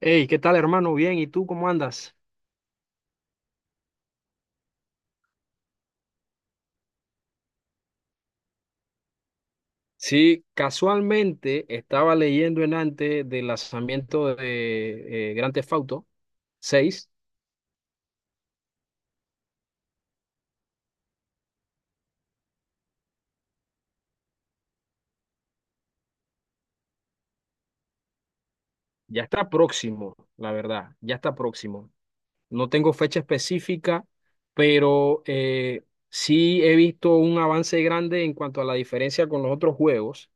Hey, ¿qué tal, hermano? Bien, ¿y tú cómo andas? Sí, casualmente estaba leyendo en antes del lanzamiento de Grand Theft Auto 6. Ya está próximo, la verdad, ya está próximo. No tengo fecha específica, pero sí he visto un avance grande en cuanto a la diferencia con los otros juegos,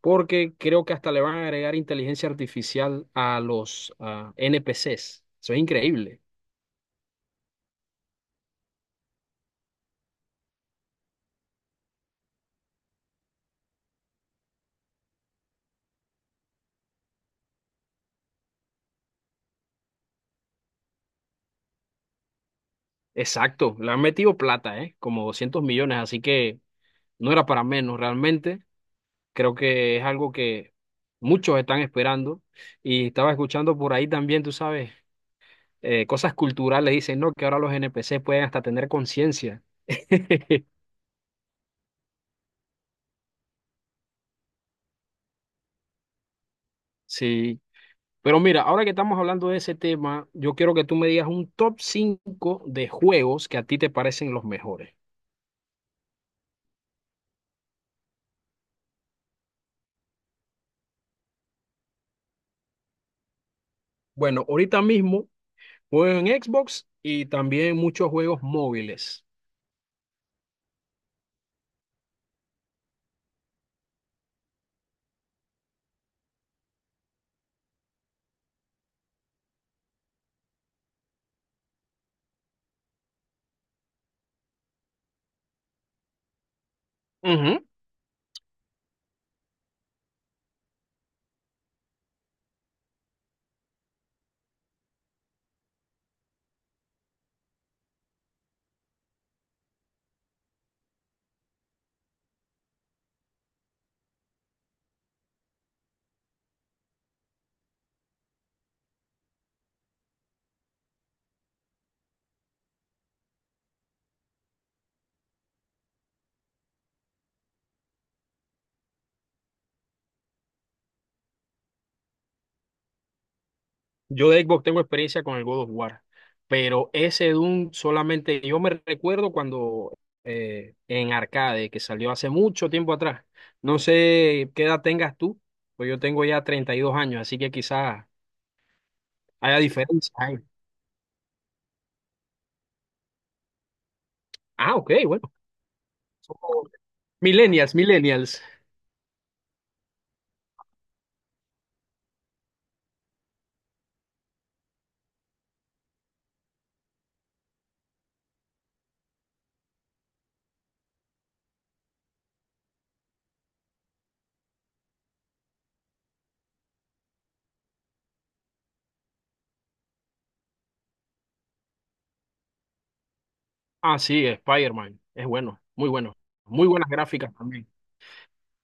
porque creo que hasta le van a agregar inteligencia artificial a los NPCs. Eso es increíble. Exacto, le han metido plata, ¿eh? Como 200 millones, así que no era para menos realmente. Creo que es algo que muchos están esperando. Y estaba escuchando por ahí también, tú sabes, cosas culturales. Dicen, no, que ahora los NPC pueden hasta tener conciencia. Sí, pero mira, ahora que estamos hablando de ese tema, yo quiero que tú me digas un top 5 de juegos que a ti te parecen los mejores. Bueno, ahorita mismo juego en Xbox y también muchos juegos móviles. Ujú. Yo de Xbox tengo experiencia con el God of War, pero ese Doom solamente yo me recuerdo cuando en arcade, que salió hace mucho tiempo atrás. No sé qué edad tengas tú, pues yo tengo ya 32 años, así que quizás haya diferencia ahí. Ah, ok, bueno. Somos Millennials, millennials. Ah, sí, Spider-Man. Es bueno, muy bueno. Muy buenas gráficas también.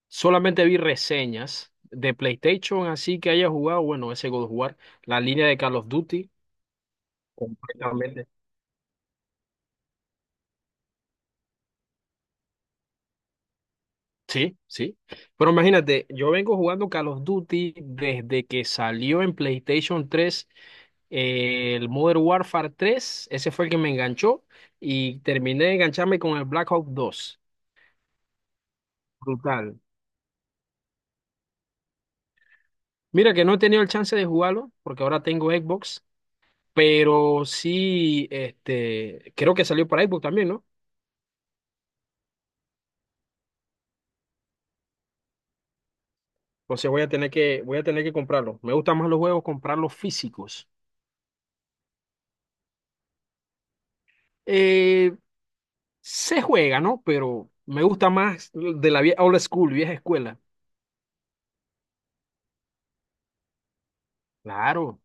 Solamente vi reseñas de PlayStation, así que haya jugado, bueno, ese God of War, la línea de Call of Duty. Completamente. Sí, sí. Pero imagínate, yo vengo jugando Call of Duty desde que salió en PlayStation 3 el Modern Warfare 3. Ese fue el que me enganchó y terminé de engancharme con el Black Ops 2. Brutal. Mira que no he tenido el chance de jugarlo porque ahora tengo Xbox, pero sí, este, creo que salió para Xbox también, ¿no? Entonces voy a tener que comprarlo. Me gustan más los juegos comprarlos físicos. Eh, Se juega, ¿no? Pero me gusta más old school, vieja escuela. Claro.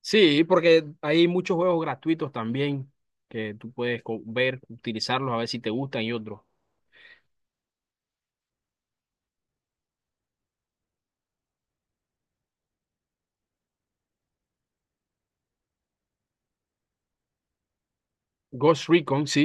Sí, porque hay muchos juegos gratuitos también que ver, utilizarlos, a ver si te gustan y otros. Ghost Recon, sí.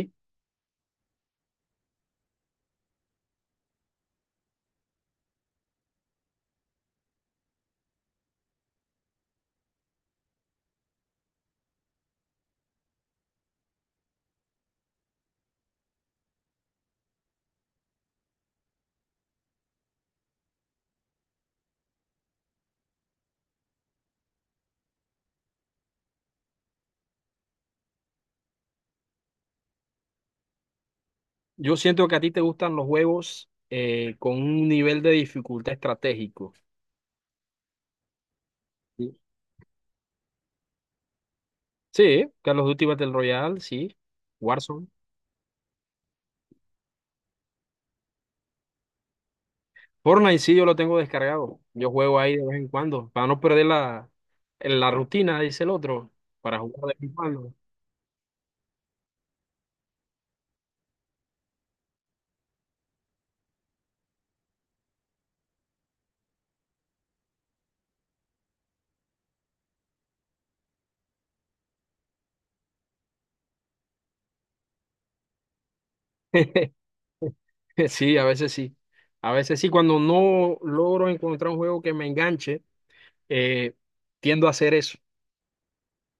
Yo siento que a ti te gustan los juegos con un nivel de dificultad estratégico. Sí, Sí, Call of Duty Battle Royale, sí. Warzone. Fortnite, sí, yo lo tengo descargado. Yo juego ahí de vez en cuando, para no perder la, la rutina, dice el otro, para jugar de vez en cuando. Sí, a veces sí. A veces sí, cuando no logro encontrar un juego que me enganche, eh, tiendo a hacer eso.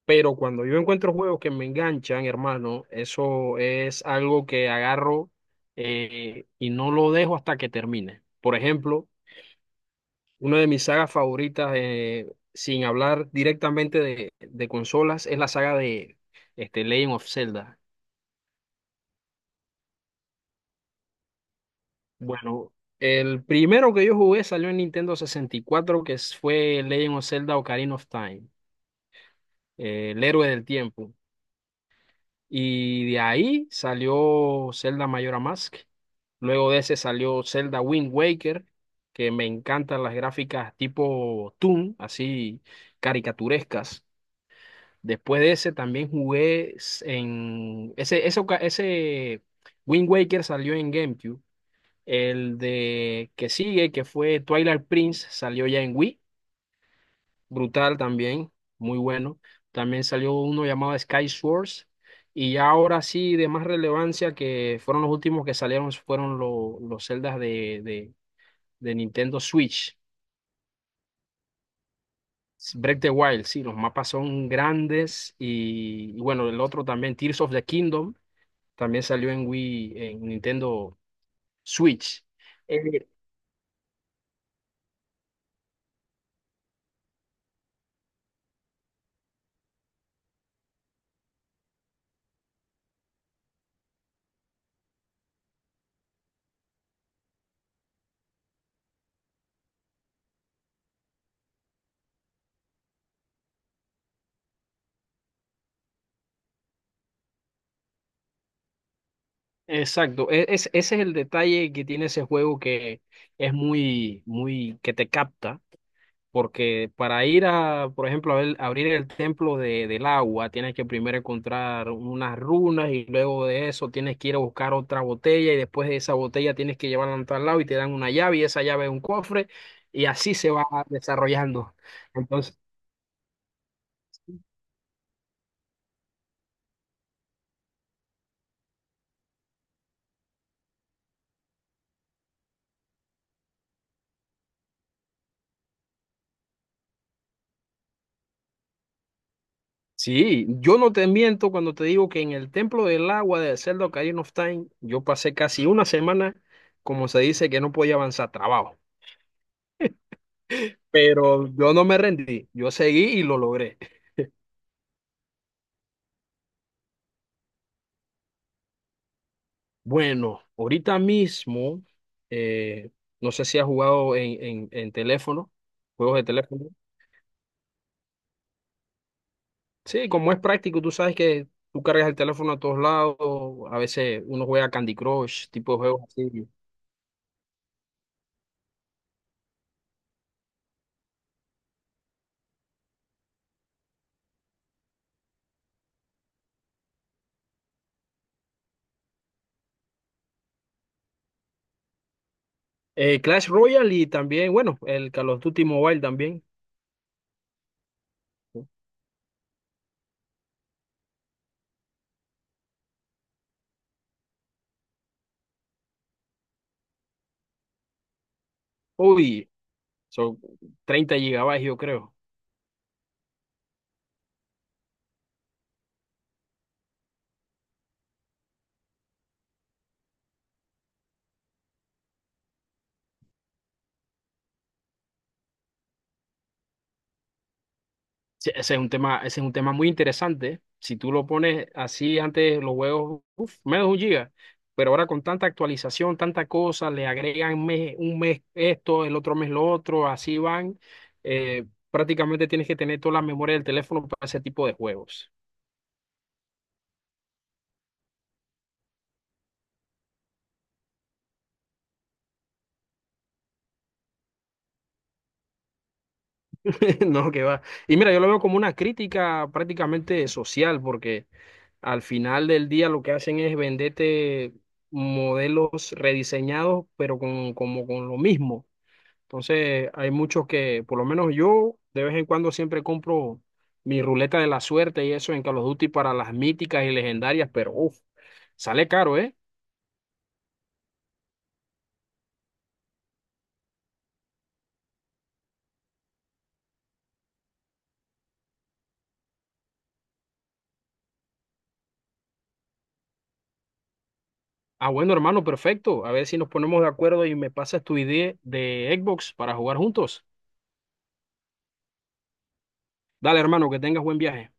Pero cuando yo encuentro juegos que me enganchan, hermano, eso es algo que agarro, y no lo dejo hasta que termine. Por ejemplo, una de mis sagas favoritas, sin hablar directamente de consolas, es la saga de este, Legend of Zelda. Bueno, el primero que yo jugué salió en Nintendo 64 fue Legend of Zelda Ocarina of Time, el héroe del tiempo. Y de ahí salió Zelda Majora Mask. Luego de ese salió Zelda Wind Waker, que me encantan las gráficas tipo Toon, así caricaturescas. Después de ese también jugué s- en... Ese, oca- ese Wind Waker salió en GameCube. El de que sigue, que fue Twilight Prince, salió ya en Wii, brutal también, muy bueno. También salió uno llamado Sky Swords. Y ya ahora sí, de más relevancia, que fueron los últimos que salieron, fueron los celdas de Nintendo Switch. Break the Wild, sí, los mapas son grandes. Y bueno, el otro también, Tears of the Kingdom, también salió en Wii, en Nintendo Switch. Exacto, es, ese es el detalle que tiene ese juego que es muy, muy, que te capta, porque para ir a, por ejemplo, abrir el templo del agua, tienes que primero encontrar unas runas y luego de eso tienes que ir a buscar otra botella y después de esa botella tienes que llevarla a tal lado y te dan una llave y esa llave es un cofre y así se va desarrollando. Sí, yo no te miento cuando te digo que en el Templo del Agua de Zelda Ocarina of Time, yo pasé casi una semana, como se dice, que no podía avanzar trabajo. Pero yo no me rendí, yo seguí y lo logré. Bueno, ahorita mismo, eh, no sé si has jugado en teléfono, juegos de teléfono. Sí, como es práctico, tú sabes que tú cargas el teléfono a todos lados, a veces uno juega Candy Crush, tipo de juegos así. Clash Royale y también, bueno, el Call of Duty Mobile también. Uy, son 30 gigabytes, yo creo. Sí, ese es un tema, ese es un tema muy interesante. Si tú lo pones así, antes los juegos, uf, menos de un giga. Pero ahora con tanta actualización, tanta cosa, le agregan un mes esto, el otro mes lo otro, así van. Eh, prácticamente tienes que tener toda la memoria del teléfono para ese tipo de juegos. No, que va. Y mira, yo lo veo como una crítica prácticamente social, porque al final del día lo que hacen es venderte modelos rediseñados, pero con, como con lo mismo. Entonces, hay muchos que, por lo menos yo, de vez en cuando siempre compro mi ruleta de la suerte y eso en Call of Duty para las míticas y legendarias, pero uf, sale caro, ¿eh? Ah, bueno, hermano, perfecto. A ver si nos ponemos de acuerdo y me pasas tu idea de Xbox para jugar juntos. Dale, hermano, que tengas buen viaje.